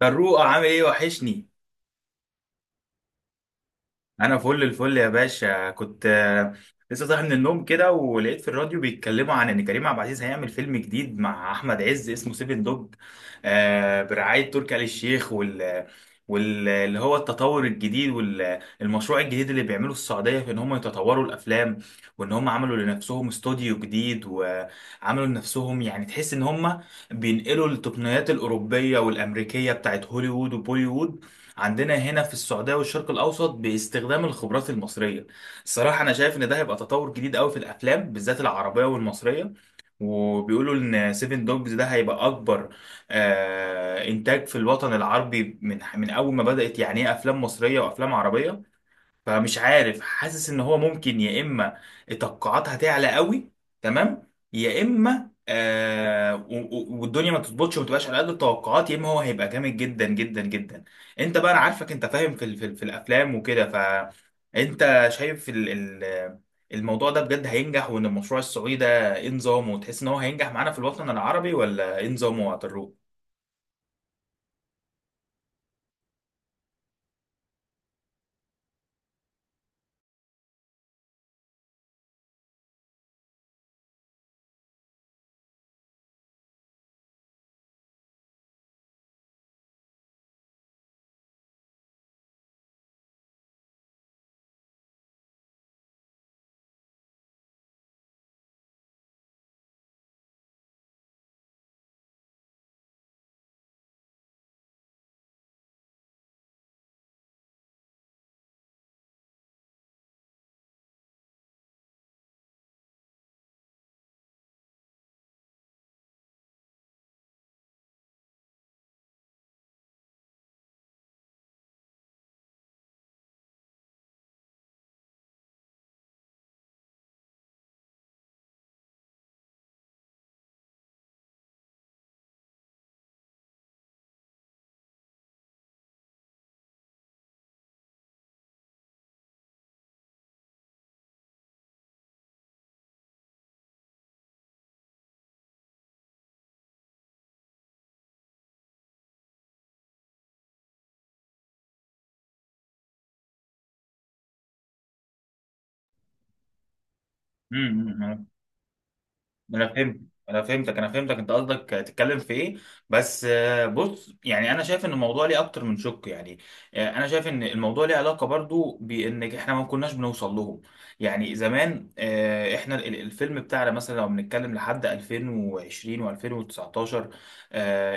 فاروق، عامل ايه؟ وحشني. انا فل الفل يا باشا. كنت لسه صاحي من النوم كده، ولقيت في الراديو بيتكلموا عن ان كريم عبد العزيز هيعمل فيلم جديد مع احمد عز اسمه سيفن دوج. برعاية تركي آل الشيخ، وال... واللي هو التطور الجديد والمشروع الجديد اللي بيعمله السعودية في ان هم يتطوروا الافلام. وان هم عملوا لنفسهم استوديو جديد، وعملوا لنفسهم، يعني تحس ان هم بينقلوا التقنيات الاوروبية والامريكية بتاعت هوليوود وبوليوود عندنا هنا في السعودية والشرق الأوسط باستخدام الخبرات المصرية. الصراحة أنا شايف إن ده هيبقى تطور جديد أوي في الأفلام، بالذات العربية والمصرية. وبيقولوا إن سيفن دوجز ده هيبقى أكبر إنتاج في الوطن العربي من أول ما بدأت يعني إيه أفلام مصرية وأفلام عربية. فمش عارف، حاسس ان هو ممكن، يا اما التوقعات هتعلى قوي تمام، يا اما والدنيا ما تظبطش وما تبقاش على قد التوقعات، يا اما هو هيبقى جامد جدا جدا جدا. انت بقى انا عارفك، انت فاهم في الافلام وكده، فانت شايف ال ال الموضوع ده بجد هينجح، وان المشروع السعودي ده ايه نظامه، وتحس ان هو هينجح معانا في الوطن العربي، ولا ايه نظامه يا طارق؟ امم. انا فهمت، انا فهمتك، انا فهمتك. انت قصدك تتكلم في ايه؟ بس بص، يعني انا شايف ان الموضوع ليه اكتر من شق. يعني انا شايف ان الموضوع ليه علاقه برضو بان احنا ما كناش بنوصل لهم. يعني زمان احنا الفيلم بتاعنا مثلا لو بنتكلم لحد 2020 و2019،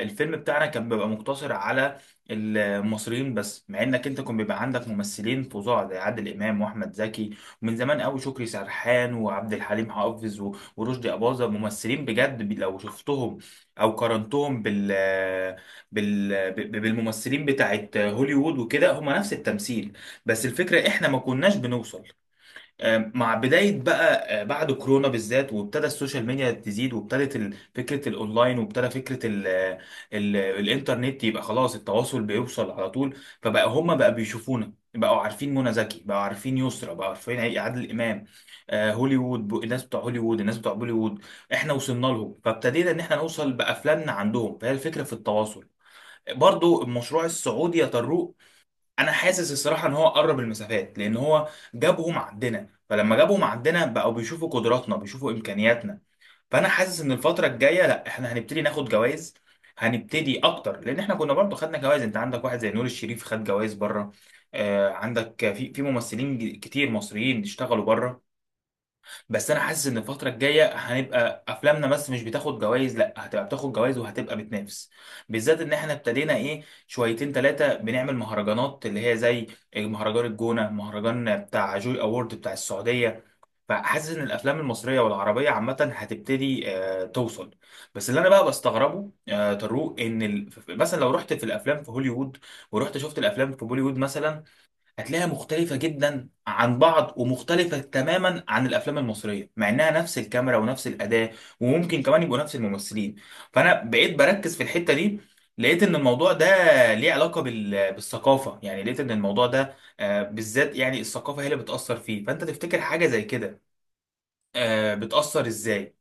الفيلم بتاعنا كان بيبقى مقتصر على المصريين بس، مع انك انت كان بيبقى عندك ممثلين فظاع زي عادل امام واحمد زكي. ومن زمان قوي شكري سرحان وعبد الحليم حافظ ورشدي أباظة، ممثلين بجد، لو شفتهم أو قارنتهم بالممثلين بتاعت هوليوود وكده، هم نفس التمثيل. بس الفكرة إحنا ما كناش بنوصل. مع بداية بقى، بعد كورونا بالذات، وابتدى السوشيال ميديا تزيد، وابتدت فكرة الأونلاين، وابتدى فكرة ال ال الإنترنت، يبقى خلاص التواصل بيوصل على طول. فبقى هما بقى بيشوفونا، بقوا عارفين منى زكي، بقوا عارفين يسرا، بقوا عارفين عادل إمام. هوليوود، الناس بتوع هوليوود، الناس بتوع بوليوود، احنا وصلنا لهم، فابتدينا إن احنا نوصل بأفلامنا عندهم. فهي الفكرة في التواصل. برضو المشروع السعودي يا طارق، انا حاسس الصراحه ان هو قرب المسافات، لان هو جابهم عندنا. فلما جابهم عندنا بقوا بيشوفوا قدراتنا، بيشوفوا امكانياتنا. فانا حاسس ان الفتره الجايه، لا احنا هنبتدي ناخد جوائز. هنبتدي اكتر، لان احنا كنا برضو خدنا جوائز. انت عندك واحد زي نور الشريف خد جوائز بره. عندك في ممثلين كتير مصريين اشتغلوا بره. بس انا حاسس ان الفتره الجايه هنبقى افلامنا بس مش بتاخد جوائز، لا هتبقى بتاخد جوائز وهتبقى بتنافس، بالذات ان احنا ابتدينا ايه شويتين ثلاثه بنعمل مهرجانات، اللي هي زي مهرجان الجونه، مهرجان بتاع جوي اوورد بتاع السعوديه. فحاسس ان الافلام المصريه والعربيه عامه هتبتدي توصل. بس اللي انا بقى بستغربه طارق، ان مثلا لو رحت في الافلام في هوليوود، ورحت شفت الافلام في بوليوود مثلا، هتلاقيها مختلفة جدا عن بعض، ومختلفة تماما عن الأفلام المصرية، مع إنها نفس الكاميرا ونفس الأداة، وممكن كمان يبقوا نفس الممثلين. فأنا بقيت بركز في الحتة دي، لقيت إن الموضوع ده ليه علاقة بالثقافة. يعني لقيت إن الموضوع ده بالذات، يعني الثقافة هي اللي بتأثر فيه. فأنت تفتكر حاجة زي كده بتأثر إزاي؟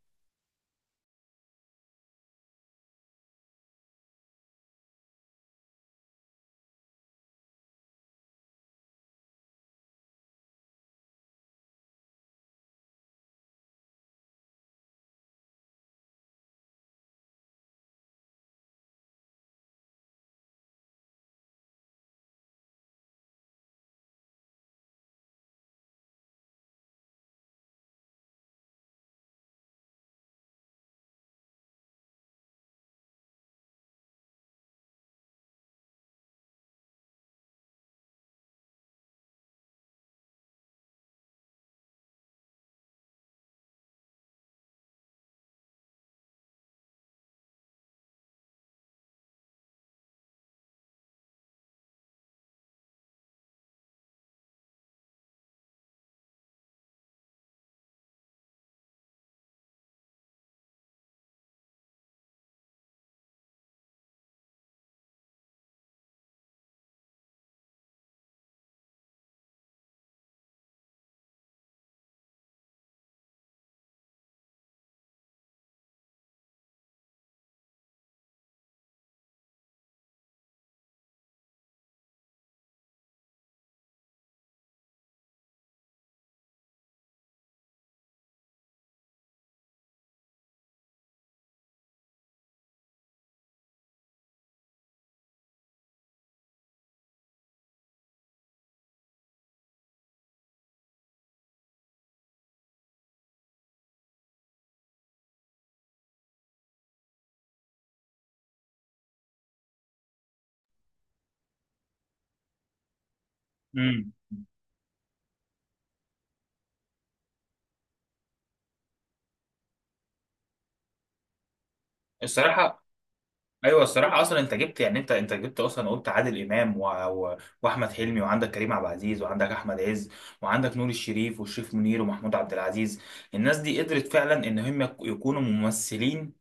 مم. الصراحة، ايوه الصراحه اصلا انت جبت، يعني انت جبت اصلا، قلت عادل امام واحمد حلمي، وعندك كريم عبد العزيز، وعندك احمد عز، وعندك نور الشريف، والشريف منير، ومحمود عبد العزيز. الناس دي قدرت فعلا ان هم يكونوا ممثلين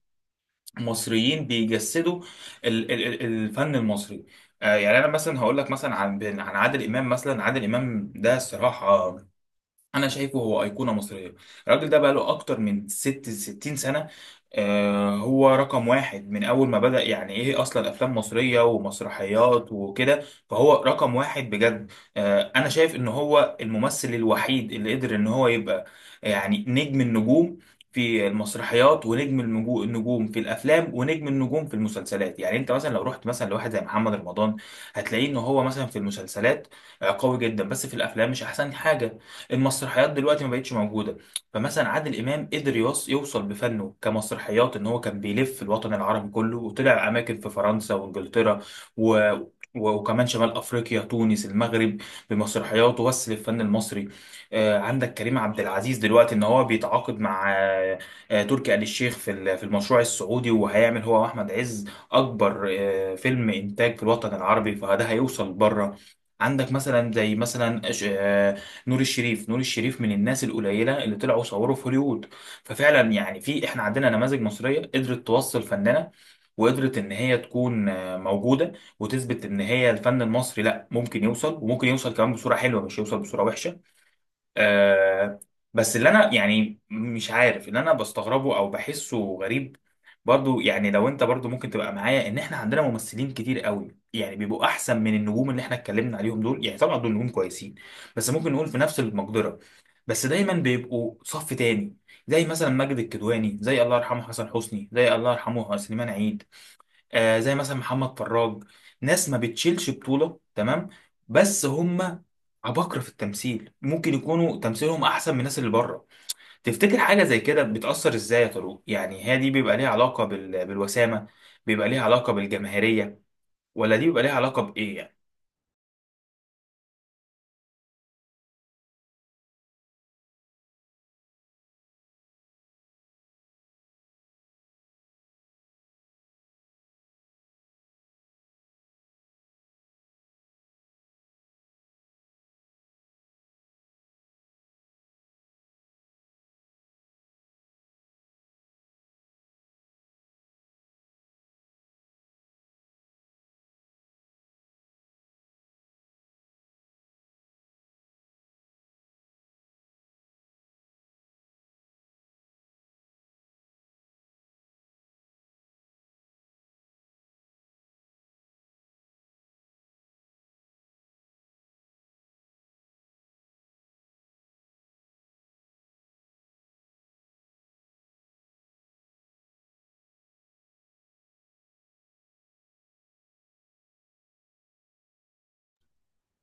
مصريين بيجسدوا الفن المصري. يعني انا مثلا هقول لك مثلا عن عادل امام. مثلا عادل امام ده، الصراحه انا شايفه هو ايقونه مصريه. الراجل ده بقاله اكتر من ستين سنه. هو رقم واحد من اول ما بدأ يعني ايه اصلا افلام مصريه ومسرحيات وكده. فهو رقم واحد بجد. انا شايف ان هو الممثل الوحيد اللي قدر ان هو يبقى يعني نجم النجوم في المسرحيات، ونجم النجوم في الافلام، ونجم النجوم في المسلسلات. يعني انت مثلا لو رحت مثلا لواحد زي محمد رمضان، هتلاقيه ان هو مثلا في المسلسلات قوي جدا، بس في الافلام مش احسن حاجه. المسرحيات دلوقتي ما بقتش موجوده. فمثلا عادل امام قدر يوصل بفنه كمسرحيات ان هو كان بيلف الوطن العربي كله، وطلع اماكن في فرنسا وانجلترا و... و- وكمان شمال افريقيا، تونس، المغرب. بمسرحياته وصل الفن المصري. عندك كريم عبد العزيز دلوقتي ان هو بيتعاقد مع تركي آل الشيخ في في المشروع السعودي، وهيعمل هو واحمد عز اكبر فيلم انتاج في الوطن العربي، فده هيوصل بره. عندك مثلا زي مثلا نور الشريف من الناس القليله اللي طلعوا صوروا في هوليوود. ففعلا يعني في، احنا عندنا نماذج مصريه قدرت توصل فنانه، وقدرت ان هي تكون موجوده، وتثبت ان هي الفن المصري لا ممكن يوصل، وممكن يوصل كمان بصوره حلوه مش يوصل بصوره وحشه. آه. بس اللي انا يعني مش عارف، اللي انا بستغربه او بحسه غريب، برضو يعني لو انت برضو ممكن تبقى معايا، ان احنا عندنا ممثلين كتير قوي يعني بيبقوا احسن من النجوم اللي احنا اتكلمنا عليهم دول. يعني طبعا دول نجوم كويسين، بس ممكن نقول في نفس المقدرة، بس دايما بيبقوا صف تاني، زي مثلا ماجد الكدواني، زي الله يرحمه حسن حسني، زي الله يرحمه سليمان عيد، زي مثلا محمد فراج. ناس ما بتشيلش بطولة، تمام، بس هم عباقرة في التمثيل، ممكن يكونوا تمثيلهم أحسن من الناس اللي بره. تفتكر حاجة زي كده بتأثر إزاي يا طارق؟ يعني هي دي بيبقى ليها علاقة بالوسامة، بيبقى ليها علاقة بالجماهيرية، ولا دي بيبقى ليها علاقة بإيه يعني؟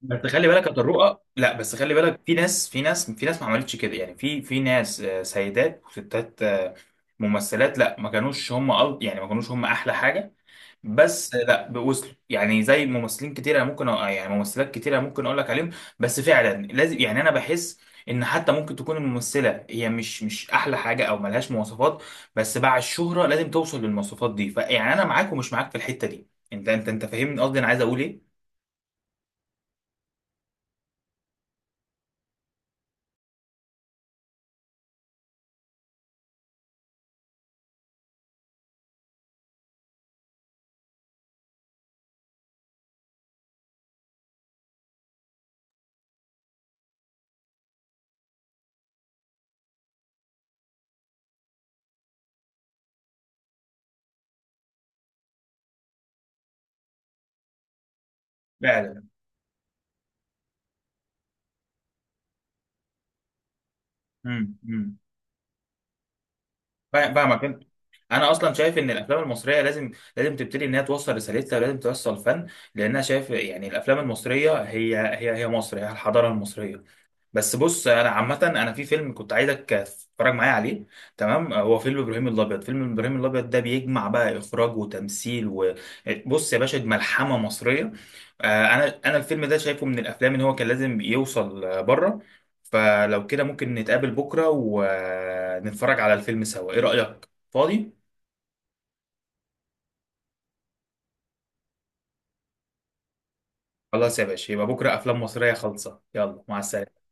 بس خلي بالك يا طارق، لا بس خلي بالك، في ناس ما عملتش كده، يعني في ناس سيدات وستات، ممثلات، لا ما كانوش هم يعني ما كانوش هم أحلى حاجة، بس لا بوصلوا، يعني زي ممثلين كتير أنا ممكن يعني ممثلات كتير أنا ممكن اقول لك عليهم. بس فعلا لازم، يعني انا بحس ان حتى ممكن تكون الممثله هي مش احلى حاجه او ملهاش مواصفات، بس بعد الشهره لازم توصل للمواصفات دي. فيعني انا معاك ومش معاك في الحته دي. انت فاهمني قصدي انا عايز اقول ايه. فعلا. امم، امم. فاهمك انت. انا اصلا شايف ان الافلام المصريه لازم تبتدي ان هي توصل رسالتها، ولازم توصل فن. لان انا شايف، يعني الافلام المصريه هي مصر، هي الحضاره المصريه. بس بص، انا عامه انا في فيلم كنت عايزك تتفرج معايا عليه، تمام، هو فيلم ابراهيم الابيض. فيلم ابراهيم الابيض ده بيجمع بقى اخراج وتمثيل، وبص يا باشا دي ملحمه مصريه. انا الفيلم ده شايفه من الافلام ان هو كان لازم يوصل بره. فلو كده ممكن نتقابل بكره ونتفرج على الفيلم سوا، ايه رايك؟ فاضي؟ خلاص يا باشا، يبقى بكره افلام مصريه خالصه، يلا، مع السلامه.